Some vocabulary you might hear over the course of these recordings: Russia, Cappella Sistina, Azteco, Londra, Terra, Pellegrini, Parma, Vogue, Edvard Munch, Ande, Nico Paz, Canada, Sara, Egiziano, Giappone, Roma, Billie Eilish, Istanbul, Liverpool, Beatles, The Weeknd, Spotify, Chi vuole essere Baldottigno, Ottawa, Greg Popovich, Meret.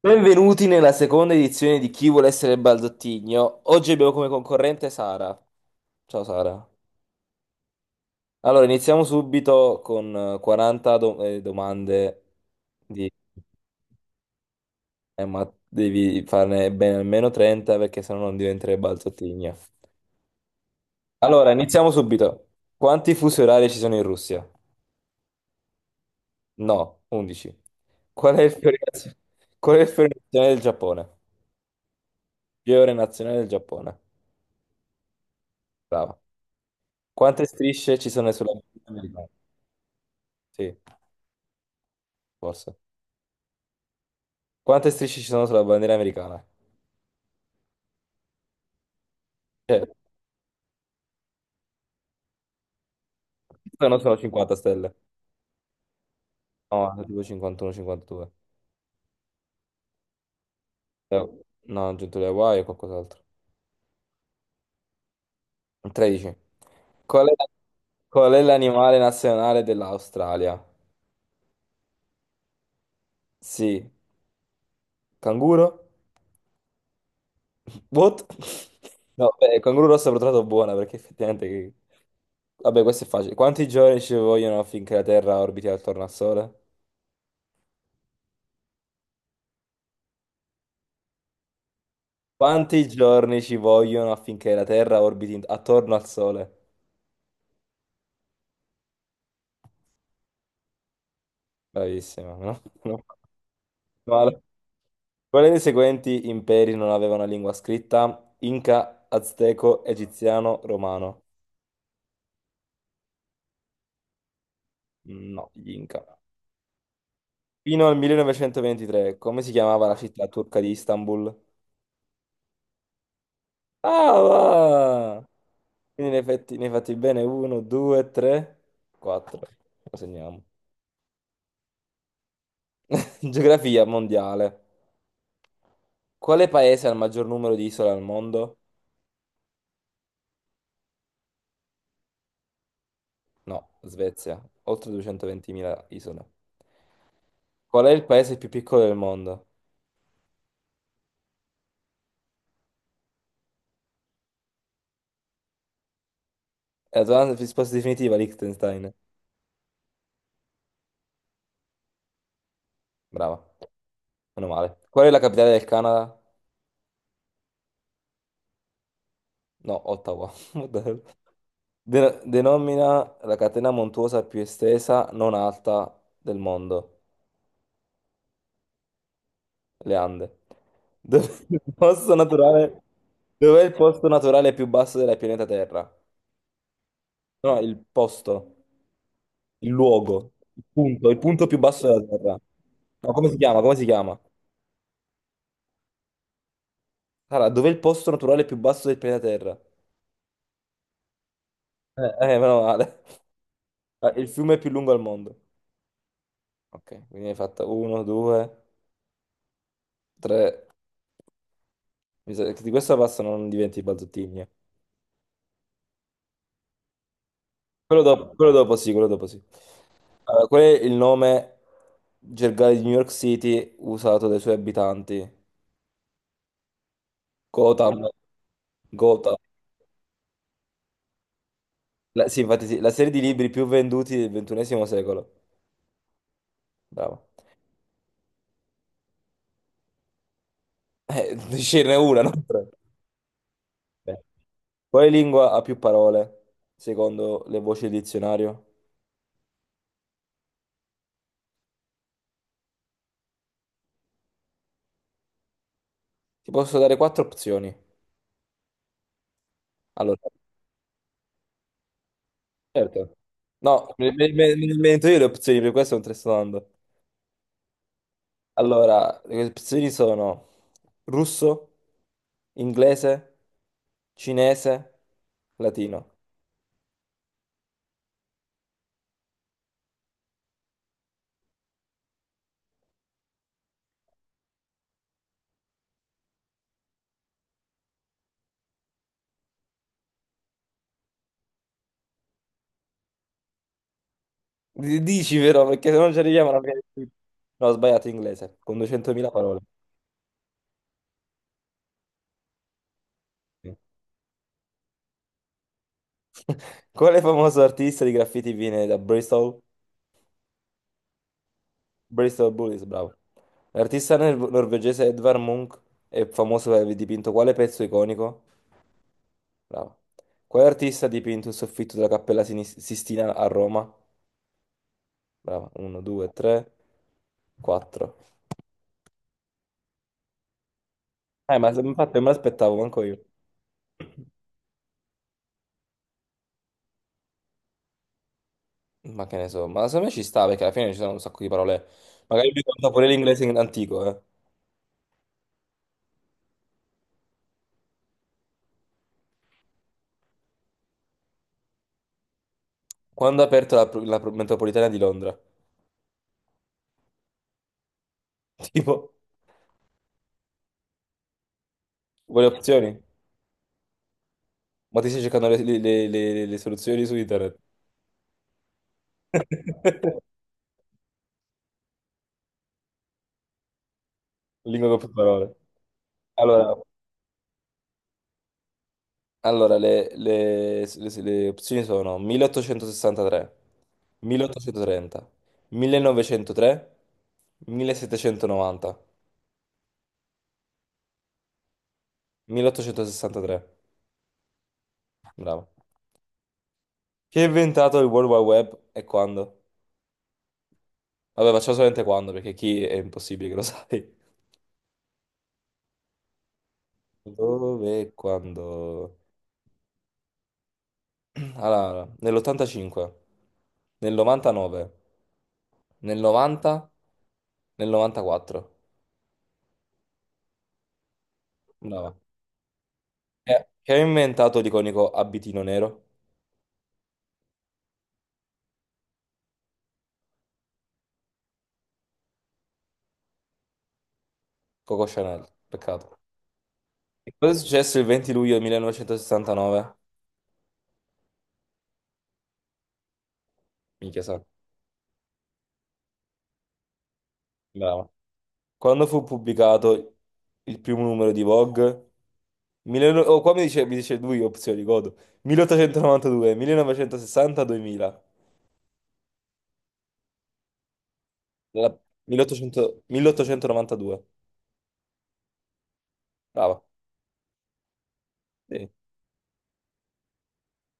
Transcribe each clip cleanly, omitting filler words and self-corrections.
Benvenuti nella seconda edizione di Chi vuole essere Baldottigno. Oggi abbiamo come concorrente Sara. Ciao Sara. Allora, iniziamo subito con 40 domande di... ma devi farne bene almeno 30 perché sennò non diventerai Baldottigno. Allora, iniziamo subito. Quanti fusi orari ci sono in Russia? No, 11. Qual è il fiore, naz- Qual è il fiore nazionale del Giappone? Fiore nazionale del Giappone. Brava. Quante strisce ci sono sulla bandiera americana? Sì, forse. Quante strisce ci sono sulla bandiera americana? Cioè, non sono 50 stelle. No, sono tipo 51, 52. Eh, No, ho aggiunto le Hawaii e qualcos'altro. 13. Qual è, qual è l'animale nazionale dell'Australia? Sì, canguro? What? No, beh, il canguro rosso l'ho trovato buona perché effettivamente. Vabbè, questo è facile. Quanti giorni ci vogliono finché la Terra orbiti attorno al Sole? Quanti giorni ci vogliono affinché la Terra orbiti attorno al Sole? Bravissima, no? No, male. Quali dei seguenti imperi non avevano lingua scritta? Inca, Azteco, Egiziano, Romano. No, gli Inca. Fino al 1923, come si chiamava la città turca di Istanbul? Ah, va! Quindi ne hai fatti bene 1, 2, 3, 4. Lo segniamo. Geografia mondiale. Quale paese ha il maggior numero di isole al mondo? No, Svezia, oltre 220.000 isole. Qual è il paese più piccolo del mondo? E la tua risposta definitiva, Liechtenstein. Brava, meno male. Qual è la capitale del Canada? No, Ottawa. What the hell? Denomina la catena montuosa più estesa, non alta, del mondo, le Ande. Dov'è il posto naturale? Dov'è il posto naturale più basso della pianeta Terra? No, il posto. Il luogo, il punto più basso della Terra. No, come si chiama? Come si chiama? Allora, dov'è il posto naturale più basso del pianeta Terra? Meno male. Ah, il fiume più lungo al mondo. Ok, quindi hai fatto uno, due, tre. Mi sa che di questa passa non diventi balzottini, eh. Quello dopo sì, quello dopo sì. Allora, qual è il nome gergale di New York City usato dai suoi abitanti? Gotham. Gotham. Sì, infatti sì, la serie di libri più venduti del ventunesimo secolo. Bravo. Ce n'è una, non tre. Eh. Quale lingua ha più parole, secondo le voci del dizionario? Ti posso dare quattro opzioni. Allora, certo. No, me ne invento io le opzioni, per questo non te le sto dando. Allora, le opzioni sono russo, inglese, cinese, latino. Dici però, perché se non ci arriviamo alla fine di tutto. No, ho sbagliato inglese, con 200.000 parole. Quale famoso artista di graffiti viene da Bristol? Bristol Bullies, bravo. L'artista norvegese Edvard Munch è famoso per aver dipinto quale pezzo iconico? Bravo. Quale artista ha dipinto il soffitto della Cappella Sistina a Roma? Bravo. 1, 2, 3, 4. Ma infatti non me l'aspettavo manco io. Ma che ne so, ma secondo me ci sta perché alla fine ci sono un sacco di parole. Magari lui conta pure l'inglese antico, eh. Quando ha aperto la metropolitana di Londra? Tipo, vuole opzioni? Ma ti stai cercando le soluzioni su internet? Lingua con più parole. Allora, allora, le opzioni sono 1863, 1830, 1903, 1790, 1863. Bravo. Chi ha inventato il World Wide Web e quando? Vabbè, facciamo solamente quando, perché chi è impossibile che lo sai. Dove e quando? Allora, nell'85, nel 99, nel 90, nel 94. Brava. Chi ha inventato l'iconico abitino nero? Coco Chanel, peccato. E cosa è successo il 20 luglio 1969? Minchia, sa. Brava. Quando fu pubblicato il primo numero di Vogue? Oh, qua mi dice, lui opzioni, godo. 1892, 1960, 2000. La- 1800 1892. Brava. Sì.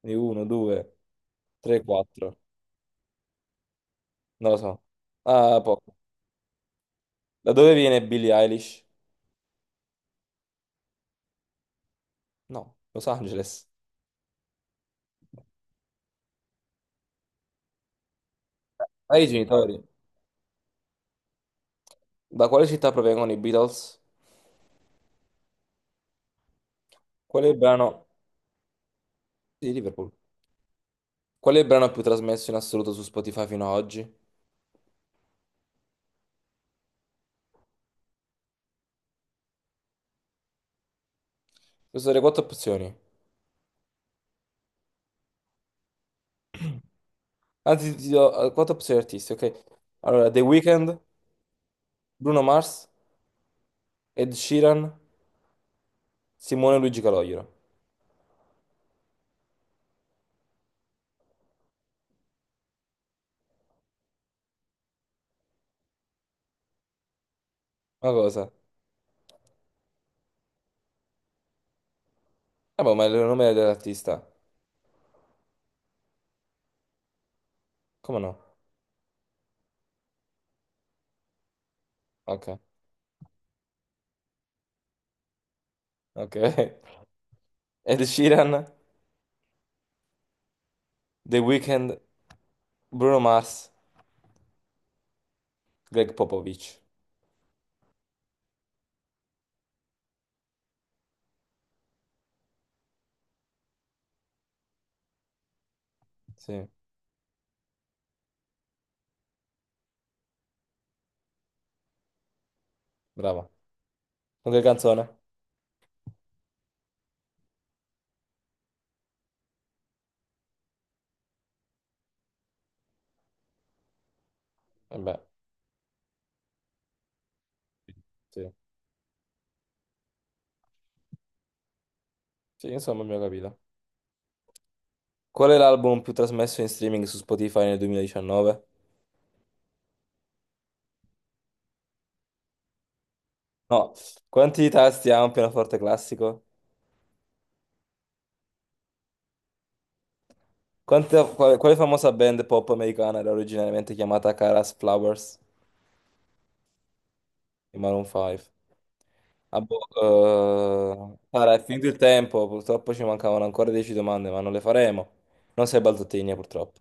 Quindi uno, due, tre, quattro. Non lo so. Ah, poco. Da dove viene Billie Eilish? No, Los Angeles. Ai genitori. Da quale città provengono i Beatles? Qual è il brano di Liverpool? Qual è il brano più trasmesso in assoluto su Spotify fino ad oggi? Queste sono le quattro opzioni. Anzi, ti do quattro opzioni artisti, ok? Allora, The Weeknd, Bruno Mars, Ed Sheeran, Simone e Luigi Calogero. Ma cosa? Vabbè, ma è il nome dell'artista. Come no? Ok, ok. Ed Sheeran, The Weeknd, Bruno Mars, Greg Popovich. Sì, brava. Qualche canzone? Eh beh, sì. Sì, insomma, abbiamo capito. Qual è l'album più trasmesso in streaming su Spotify nel 2019? No, quanti tasti ha un pianoforte classico? Quale famosa band pop americana era originariamente chiamata Caras Flowers di Maroon 5? Ah, boh, Sara, è finito il tempo, purtroppo ci mancavano ancora 10 domande, ma non le faremo. Non sei Baldottini, purtroppo.